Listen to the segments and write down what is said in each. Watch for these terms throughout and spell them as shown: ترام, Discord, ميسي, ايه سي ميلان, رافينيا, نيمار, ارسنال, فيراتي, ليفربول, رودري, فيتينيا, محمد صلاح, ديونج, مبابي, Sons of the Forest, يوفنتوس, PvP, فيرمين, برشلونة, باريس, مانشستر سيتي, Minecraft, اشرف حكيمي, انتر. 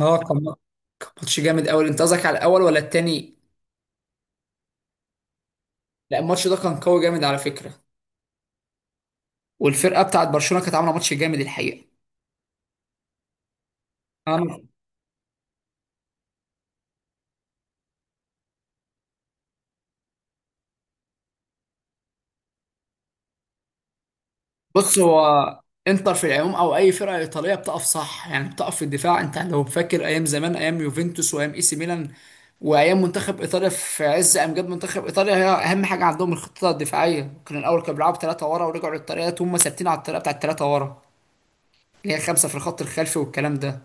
اه، كان ماتش جامد قوي. انت قصدك على الاول ولا التاني؟ لا الماتش ده كان قوي جامد على فكره، والفرقه بتاعت برشلونه كانت عامله ماتش جامد الحقيقه. أنا- بص، هو انتر في العموم او اي فرقه ايطاليه بتقف صح، يعني بتقف في الدفاع. انت لو فاكر ايام زمان، ايام يوفنتوس وايام اي سي ميلان وايام منتخب ايطاليا في عز امجاد منتخب ايطاليا، هي اهم حاجه عندهم الخطه الدفاعيه. كان الاول كانوا بيلعبوا 3 ورا، ورجعوا للطريقه، هم ثابتين على الطريقه بتاعت الثلاثه ورا اللي هي 5 في الخط الخلفي والكلام ده.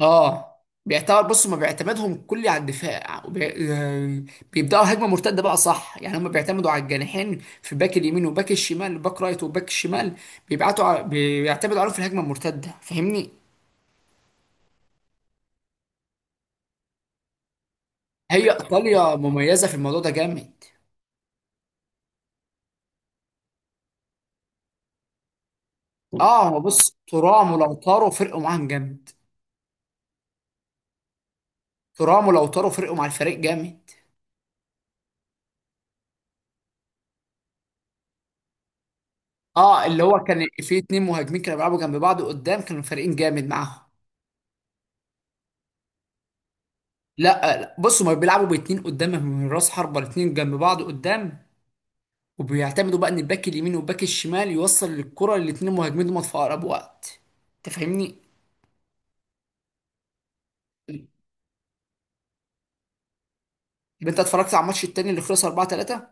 اه، بيعتبر بص هما بيعتمدهم كلي على الدفاع، وبي... آه، بيبداوا هجمه مرتده بقى صح. يعني هما بيعتمدوا على الجناحين، في باك اليمين وباك الشمال، باك رايت وباك الشمال، بيعتمدوا عليهم في الهجمه المرتده. فاهمني؟ هي ايطاليا مميزه في الموضوع ده جامد. اه، هو بص ترام ولوتارو فرقوا معاهم جامد. ترام ولوتارو فرقوا مع الفريق جامد. اه، اللي هو كان في اتنين مهاجمين كانوا بيلعبوا جنب بعض قدام، كانوا فريقين جامد معاهم. لا لا، بص هما بيلعبوا باتنين قدام، من راس حربة الاتنين جنب بعض قدام، وبيعتمدوا بقى ان الباك اليمين والباك الشمال يوصل الكرة للاتنين المهاجمين دول في اقرب وقت. انت فاهمني؟ يبقى انت اتفرجت على الماتش التاني اللي خلص 4-3؟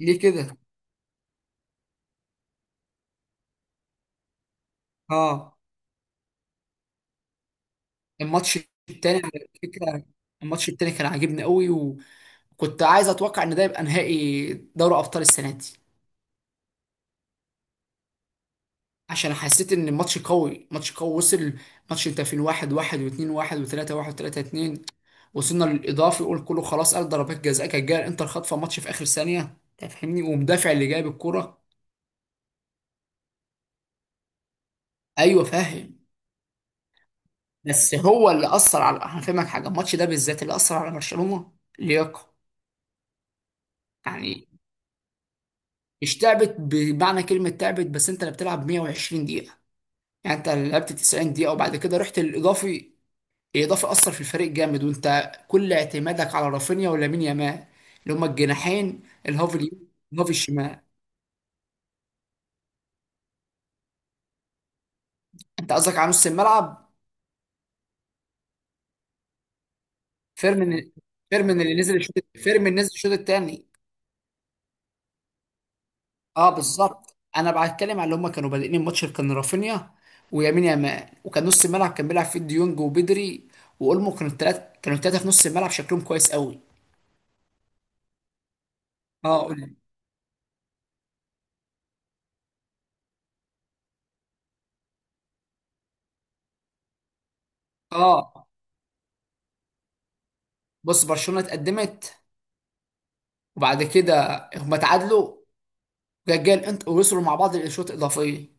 ليه كده؟ اه، الماتش التاني على فكرة، الماتش التاني كان عاجبني قوي، وكنت عايز اتوقع ان ده يبقى نهائي دوري ابطال السنة دي. عشان حسيت ان الماتش قوي، ماتش قوي وصل. ماتش انت في 1-1، واتنين واحد، وتلاتة واحد، وتلاتة اتنين، وصلنا للاضافي، يقول كله خلاص، قال ضربات جزاء، كانت جايه الانتر خاطفه ماتش في اخر ثانيه، تفهمني، ومدافع اللي جايب الكرة. ايوه فاهم. بس هو اللي اثر على، هفهمك حاجه، الماتش ده بالذات اللي اثر على برشلونه لياقه، يعني. مش تعبت بمعنى كلمه تعبت، بس انت اللي بتلعب 120 دقيقه، يعني انت لعبت 90 دقيقه وبعد كده رحت للاضافي. اضافه اثر في الفريق جامد، وانت كل اعتمادك على رافينيا ولامين يامال اللي هما الجناحين، الهاف اليمين الهاف الشمال. انت قصدك على نص الملعب؟ فيرمين. فيرمين اللي نزل الشوط، فيرمين نزل الشوط الثاني. اه بالظبط، انا بتكلم على اللي هما كانوا بادئين الماتش، كان رافينيا ويمين يامال، وكان نص الملعب كان بيلعب فيه ديونج وبدري واولمو. كانوا الثلاثه في نص الملعب شكلهم كويس قوي. اه قول لي. اه، بص برشلونه اتقدمت وبعد كده هما تعادلوا، رجال انت وصلوا مع بعض للشوط الاضافي.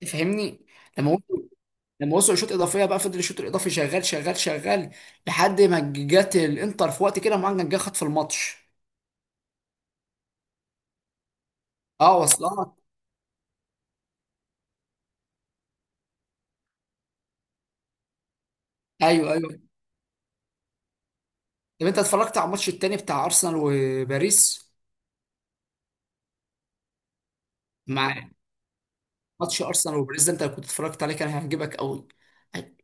تفهمني؟ لما وصلوا لما وصلوا الشوط الاضافي بقى، فضل الشوط الاضافي شغال شغال شغال لحد ما جت الانتر في وقت كده، معاك جه خد في الماتش. اه وصلت. ايوه ايوه. طب انت اتفرجت على الماتش التاني بتاع ارسنال وباريس؟ مع، ماتش ارسنال وباريس ده انت كنت اتفرجت عليه كان هيعجبك قوي.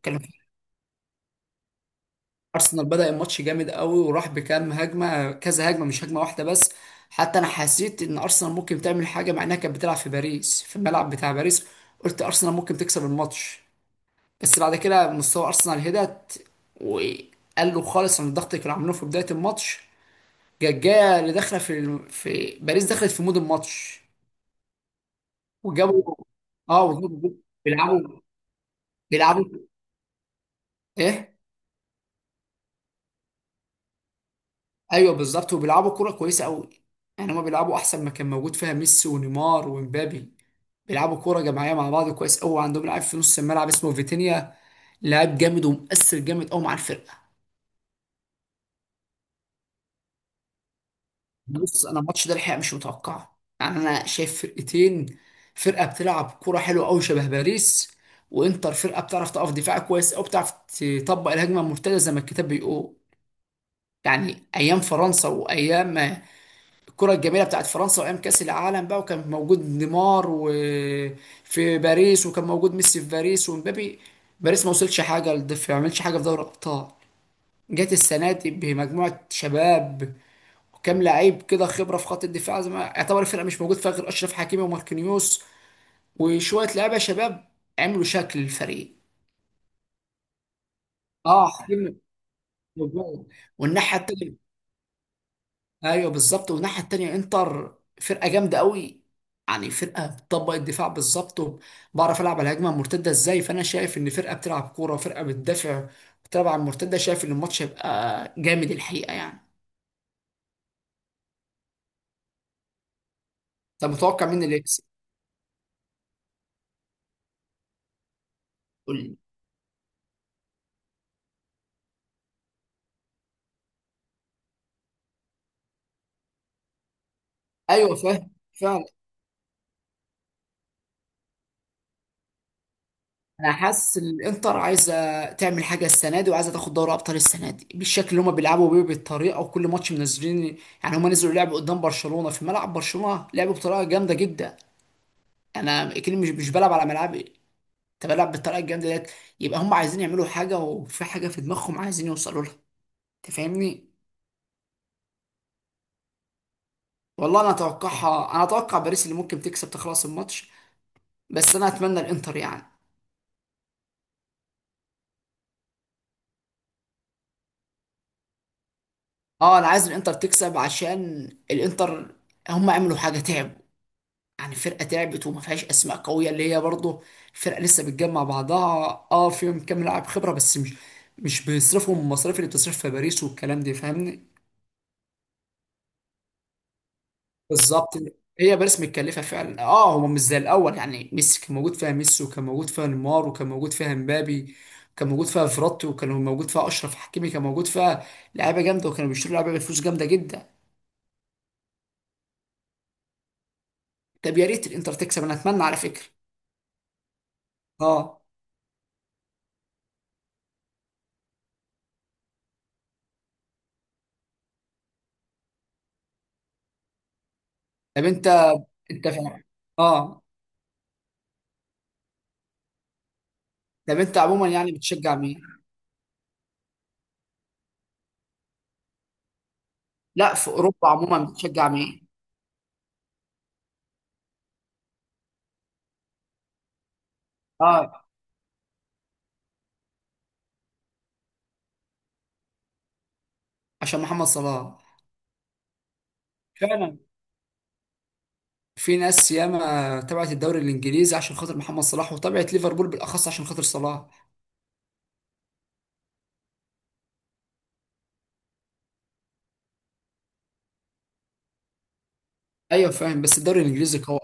كان، ارسنال بدأ الماتش جامد قوي، وراح بكام هجمه، كذا هجمه مش هجمه واحده بس. حتى انا حسيت ان ارسنال ممكن تعمل حاجه، مع انها كانت بتلعب في باريس في الملعب بتاع باريس. قلت ارسنال ممكن تكسب الماتش، بس بعد كده مستوى ارسنال هدت، وقالوا خالص عن الضغط اللي كانوا عاملينه في بدايه الماتش. جايه اللي داخله في باريس، دخلت في مود الماتش وجابوا. اه وجابوا، بيلعبوا، بيلعبوا، ايه. ايوه بالظبط، وبيلعبوا كوره كويسه قوي. يعني هما بيلعبوا احسن ما كان موجود فيها ميسي ونيمار ومبابي. بيلعبوا كوره جماعيه مع بعض كويس قوي. عندهم لاعب في نص الملعب اسمه فيتينيا، لاعب جامد ومؤثر جامد قوي مع الفرقه. بص انا الماتش ده الحقيقه مش متوقعه، يعني انا شايف فرقتين، فرقه بتلعب كوره حلوه قوي شبه باريس، وانتر فرقه بتعرف تقف دفاع كويس قوي، بتعرف تطبق الهجمه المرتده زي ما الكتاب بيقول. يعني ايام فرنسا وايام الكرة الجميلة بتاعت فرنسا، وأيام كأس العالم بقى، وكان موجود نيمار وفي باريس وكان موجود ميسي في باريس ومبابي، باريس ما عملش حاجة في دوري الأبطال. جت السنة دي بمجموعة شباب، وكام لعيب كده خبرة في خط الدفاع، زي ما يعتبر الفرقة مش موجود فيها غير أشرف حكيمي وماركينيوس وشوية لعيبة شباب، عملوا شكل الفريق. اه، حكيمي موجود. والناحية التانية، ايوه بالظبط، والناحيه التانيه انتر فرقه جامده قوي، يعني فرقه بتطبق الدفاع بالظبط، وبعرف العب على الهجمه المرتده ازاي. فانا شايف ان فرقه بتلعب كوره وفرقه بتدافع بتلعب على المرتده، شايف ان الماتش هيبقى جامد الحقيقه يعني. طب متوقع مين اللي يكسب؟ قول لي. ايوه فاهم فعلا. انا حاسس ان الانتر عايزه تعمل حاجه السنه دي، وعايزه تاخد دوري ابطال السنه دي، بالشكل اللي هم بيلعبوا بيه بالطريقه، وكل ماتش منزلين. يعني هم نزلوا لعبوا قدام برشلونه في ملعب برشلونه، لعبوا بطريقه جامده جدا. انا اكيد مش بلعب على ملعبي، انت بلعب بالطريقه الجامده ديت. يبقى هم عايزين يعملوا حاجه، وفي حاجه في دماغهم عايزين يوصلوا لها. انت فاهمني؟ والله انا اتوقعها، انا اتوقع باريس اللي ممكن تكسب تخلص الماتش، بس انا اتمنى الانتر يعني. اه انا عايز الانتر تكسب، عشان الانتر هم عملوا حاجه، تعبوا. يعني فرقه تعبت، وما فيهاش اسماء قويه، اللي هي برضه فرقه لسه بتجمع بعضها. اه فيهم كام لاعب خبره بس، مش بيصرفوا المصاريف اللي بتصرف في باريس والكلام ده، فاهمني. بالظبط. هي باريس متكلفه فعلا، اه هو مش زي الاول يعني. ميسي كان موجود فيها، ميسي وكان موجود فيها نيمار، وكان موجود فيها مبابي، وكان موجود فيها فيراتي، وكان موجود فيها اشرف حكيمي كان موجود فيها. لعيبه جامده، وكانوا بيشتروا لعيبه بفلوس جامده جدا. طب يا ريت الانتر تكسب، انا اتمنى على فكره. اه. طب انت فاهم. اه. طب انت عموما يعني بتشجع مين؟ لا في اوروبا عموما بتشجع مين؟ اه، عشان محمد صلاح. فعلا، في ناس ياما تبعت الدوري الانجليزي عشان خاطر محمد صلاح، وتبعت ليفربول بالاخص عشان خاطر صلاح. ايوه فاهم، بس الدوري الانجليزي قوي.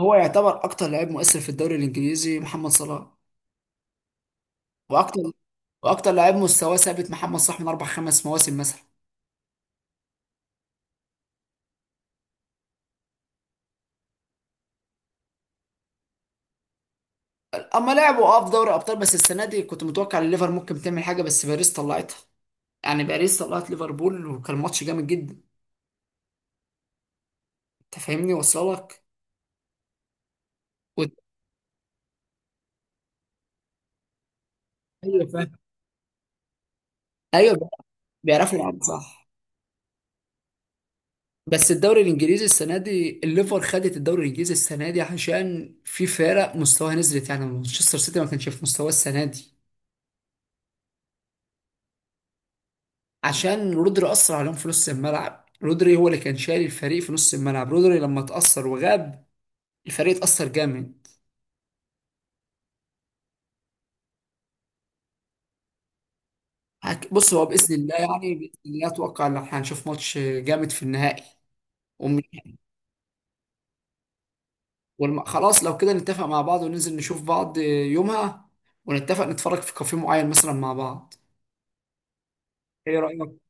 هو يعتبر اكتر لاعب مؤثر في الدوري الانجليزي محمد صلاح، واكتر، واكتر لاعب مستواه ثابت محمد صلاح من 4 5 مواسم مثلا. اما لعبوا اه في دوري ابطال، بس السنه دي كنت متوقع ان الليفر ممكن تعمل حاجه، بس باريس طلعتها. يعني باريس طلعت ليفربول، وكان ماتش جامد جدا. انت فاهمني؟ وصلك؟ و... ايوه فاهم. ايوه، بيعرفوا يلعبوا صح. بس الدوري الانجليزي السنه دي الليفر خدت الدوري الانجليزي السنه دي عشان في فرق مستواها نزلت، يعني مانشستر سيتي ما كانش في مستواه السنه دي. عشان رودري اثر عليهم في نص الملعب، رودري هو اللي كان شايل الفريق في نص الملعب، رودري لما اتاثر وغاب الفريق اتاثر جامد. بص هو باذن الله، يعني باذن الله، اتوقع ان احنا هنشوف ماتش جامد في النهائي. ومن- خلاص، لو كده نتفق مع بعض وننزل نشوف بعض يومها، ونتفق نتفرج في كافيه معين مثلا مع بعض. ايه رايك؟